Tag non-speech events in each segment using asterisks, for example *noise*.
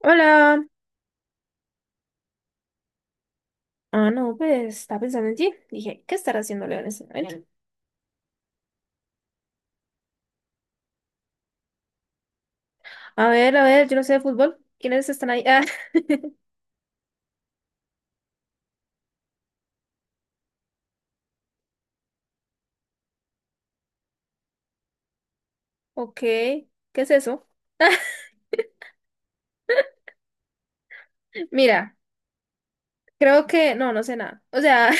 Hola. No, pues estaba pensando en ti. Dije, ¿qué estará haciendo Leo en este momento? Bien. A ver, yo no sé de fútbol. ¿Quiénes están ahí? Ah, *laughs* ok. ¿Qué es eso? Mira, creo que no sé nada. O sea,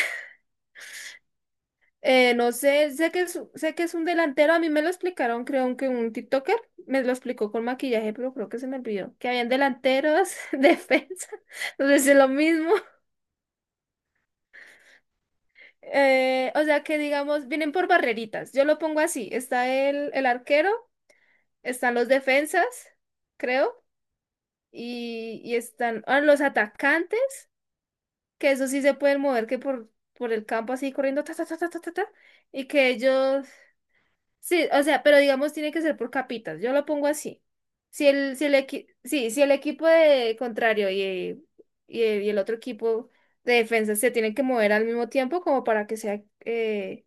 *laughs* no sé, sé que es un delantero. A mí me lo explicaron, creo que un TikToker me lo explicó con maquillaje, pero creo que se me olvidó. Que habían delanteros, *laughs* defensa. Entonces es lo mismo. O sea que digamos, vienen por barreritas. Yo lo pongo así. Está el arquero. Están los defensas, creo, y están los atacantes, que eso sí se pueden mover que por el campo así corriendo, ta, ta, ta, ta, ta, ta, ta, y que ellos, sí, o sea, pero digamos tiene que ser por capitas, yo lo pongo así. Sí, si el equipo de contrario y y el otro equipo de defensa se tienen que mover al mismo tiempo como para que sea eh,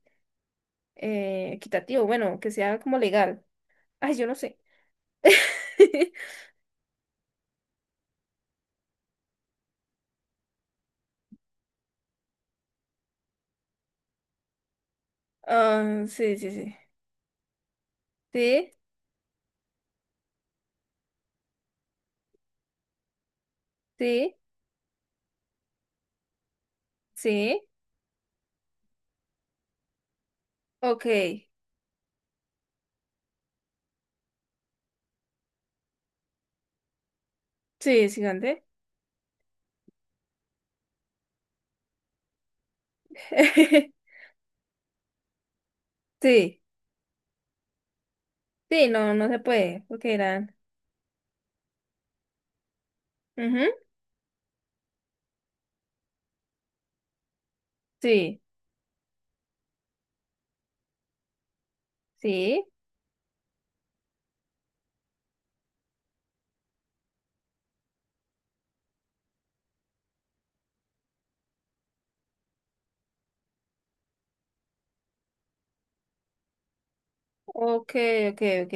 equitativo, bueno, que sea como legal. Ay, yo no sé. *laughs* Ah, sí, sí, sí. Sí, sí, sí. Ok. Sí, gigante. *laughs* Sí, sí, no se puede, porque eran. Ujú. Sí, sí. Ok, ok, ok.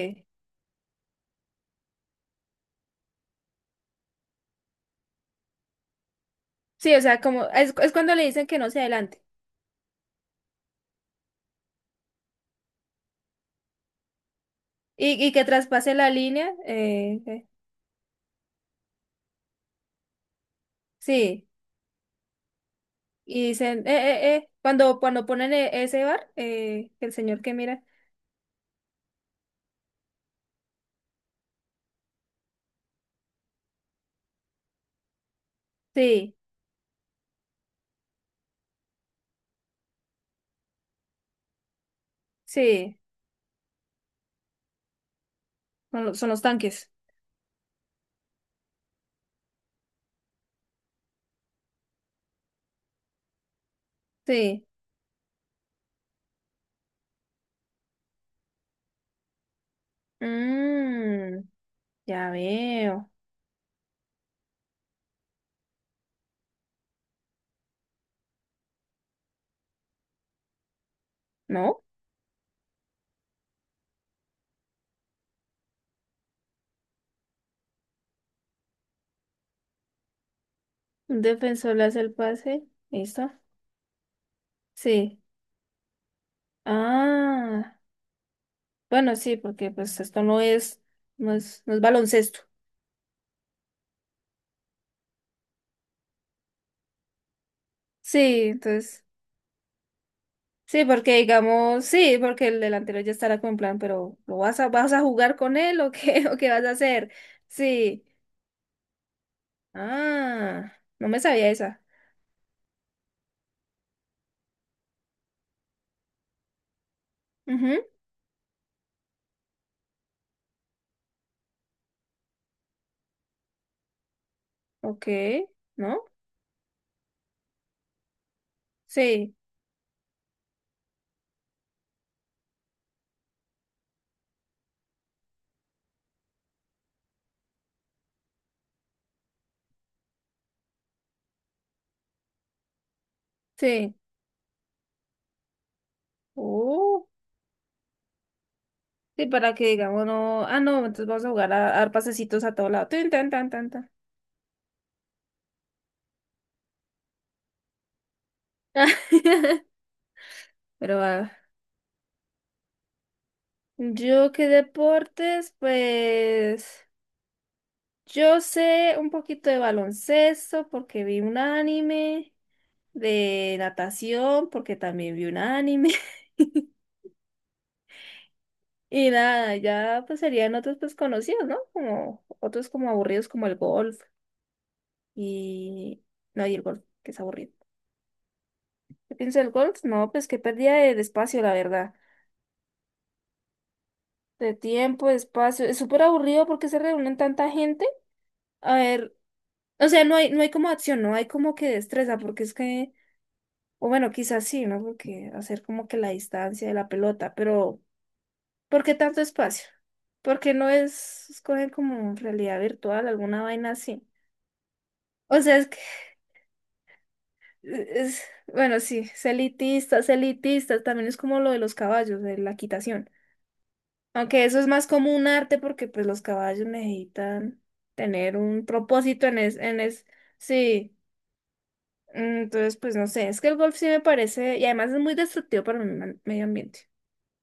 Sí, o sea, es cuando le dicen que no se adelante y que traspase la línea. Sí, y dicen, cuando ponen ese bar, el señor que mira. Sí, sí, son los tanques. Sí. Mm, ya veo. ¿No? Un defensor le hace el pase. ¿Listo? Sí. Ah, bueno, sí, porque pues esto no es, no es baloncesto. Sí, entonces, sí, porque digamos, sí, porque el delantero ya estará con plan, pero ¿lo vas a, vas a jugar con él o qué, *laughs* o qué vas a hacer? Sí. Ah, no me sabía esa. Ujú. Ok, ¿no? Sí, sí. Oh, sí, para que digamos, no, no, entonces vamos a jugar a dar pasecitos a todo lado. Tin, tan, tan, tan, tan. *laughs* Pero yo qué deportes, pues yo sé un poquito de baloncesto porque vi un anime, de natación porque también vi un anime. *laughs* Y nada, ya pues serían otros pues conocidos, ¿no? Como otros como aburridos como el golf y no, y el golf, que es aburrido. ¿Qué pienso del golf? No, pues que pérdida de espacio, la verdad. De tiempo, de espacio. Es súper aburrido porque se reúnen tanta gente. A ver, o sea, no hay como acción, no hay como que destreza, porque es que, o bueno, quizás sí, ¿no? Porque hacer como que la distancia de la pelota, pero ¿por qué tanto espacio? Porque no es escoger como realidad virtual, alguna vaina así. O sea, es que, e-, es, Bueno, sí, es elitista, también es como lo de los caballos, de la quitación. Aunque eso es más como un arte porque pues los caballos necesitan tener un propósito sí. Entonces, pues no sé, es que el golf sí me parece, y además es muy destructivo para el medio ambiente.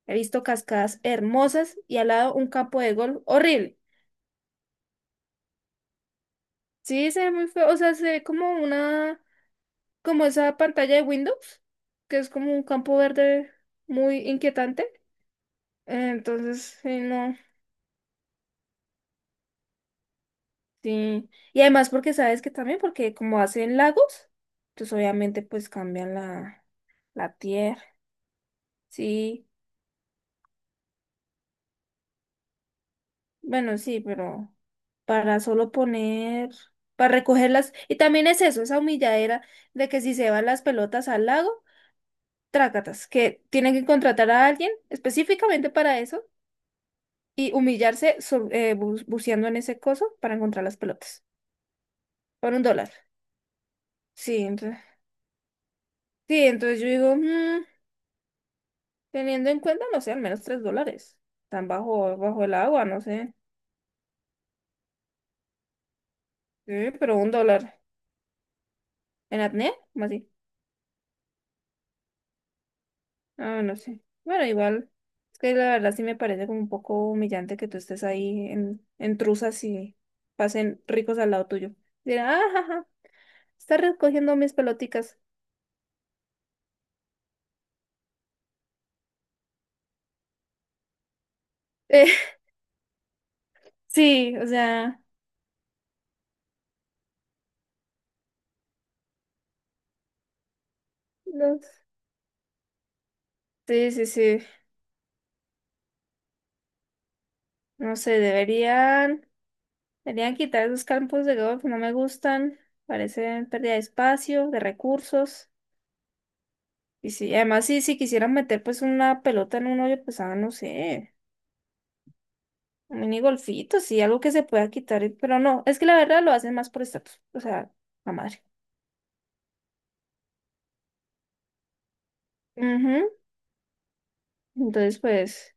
He visto cascadas hermosas y al lado un campo de golf horrible. Sí, se ve muy feo, o sea, se ve como una, como esa pantalla de Windows, que es como un campo verde muy inquietante. Entonces, sí, no, sí. Y además porque sabes que también, porque como hacen lagos, entonces obviamente pues cambian la tierra, sí. Bueno, sí, pero para solo poner, para recogerlas. Y también es eso, esa humilladera de que si se van las pelotas al lago, trácatas, que tienen que contratar a alguien específicamente para eso y humillarse buceando en ese coso para encontrar las pelotas. Por $1. Sí, entonces, sí, entonces yo digo, mm, teniendo en cuenta, no sé, al menos $3. Están bajo el agua, no sé. Sí, pero $1. ¿En apnea? ¿Cómo así? Ah, no sé. Bueno, igual, es que la verdad sí me parece como un poco humillante que tú estés ahí en truzas y pasen ricos al lado tuyo. Dirán, ah, ja, ja, está recogiendo mis peloticas. Eh, *laughs* sí, o sea, los... Sí, sí, sí. No sé, deberían quitar esos campos de golf, no me gustan. Parecen pérdida de espacio, de recursos. Y sí, además sí, si quisieran meter pues una pelota en un hoyo, pues no sé. Un mini golfito, sí, algo que se pueda quitar, pero no, es que la verdad lo hacen más por estatus, o sea, la madre. Ujú. Entonces, pues,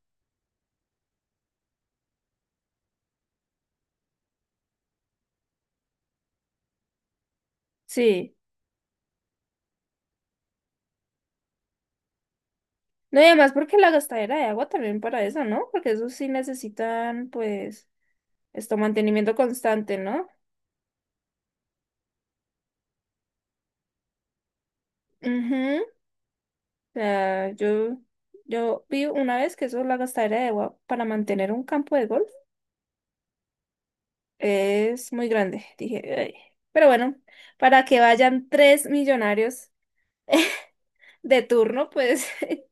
sí. No, y además porque la gastadera de agua también para eso, ¿no? Porque eso sí necesitan, pues, esto, mantenimiento constante, ¿no? Ujú. O sea, yo, yo vi una vez que eso, la gastadera de agua para mantener un campo de golf es muy grande. Dije, "Ay". Pero bueno, para que vayan tres millonarios *laughs* de turno, pues *laughs*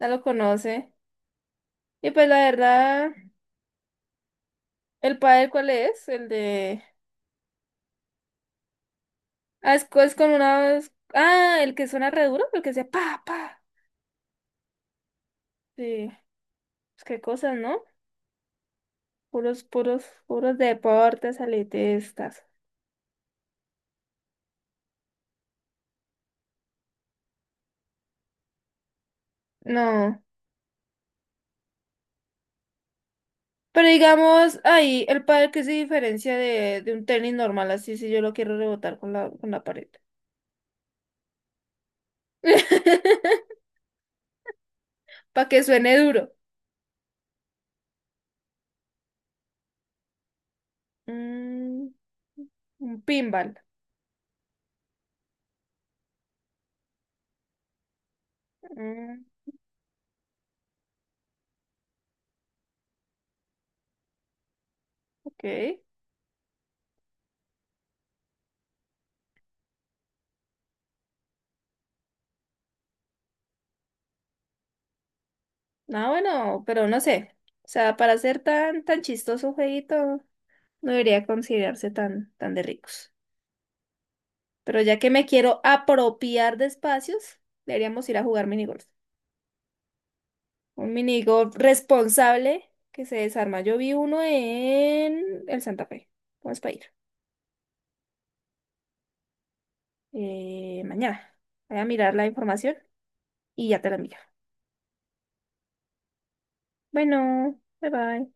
ya lo conoce. Y pues la verdad, ¿el padre cuál es? El de... Es con una... Ah, el que suena re duro, el que sea pa, pa. Sí, pues qué cosas, ¿no? Puros deportes elitistas. No. Pero digamos, ahí, el padre que se diferencia de un tenis normal, así si yo lo quiero rebotar con con la pared. *laughs* Para que suene duro. Mm, un pinball. Mm, ok. Ah, bueno, pero no sé. O sea, para ser tan chistoso un jueguito, no debería considerarse tan de ricos. Pero ya que me quiero apropiar de espacios, deberíamos ir a jugar minigolf. Un minigolf responsable que se desarma. Yo vi uno en el Santa Fe. Vamos para ir. Mañana. Voy a mirar la información y ya te la envío. Bueno, bye bye.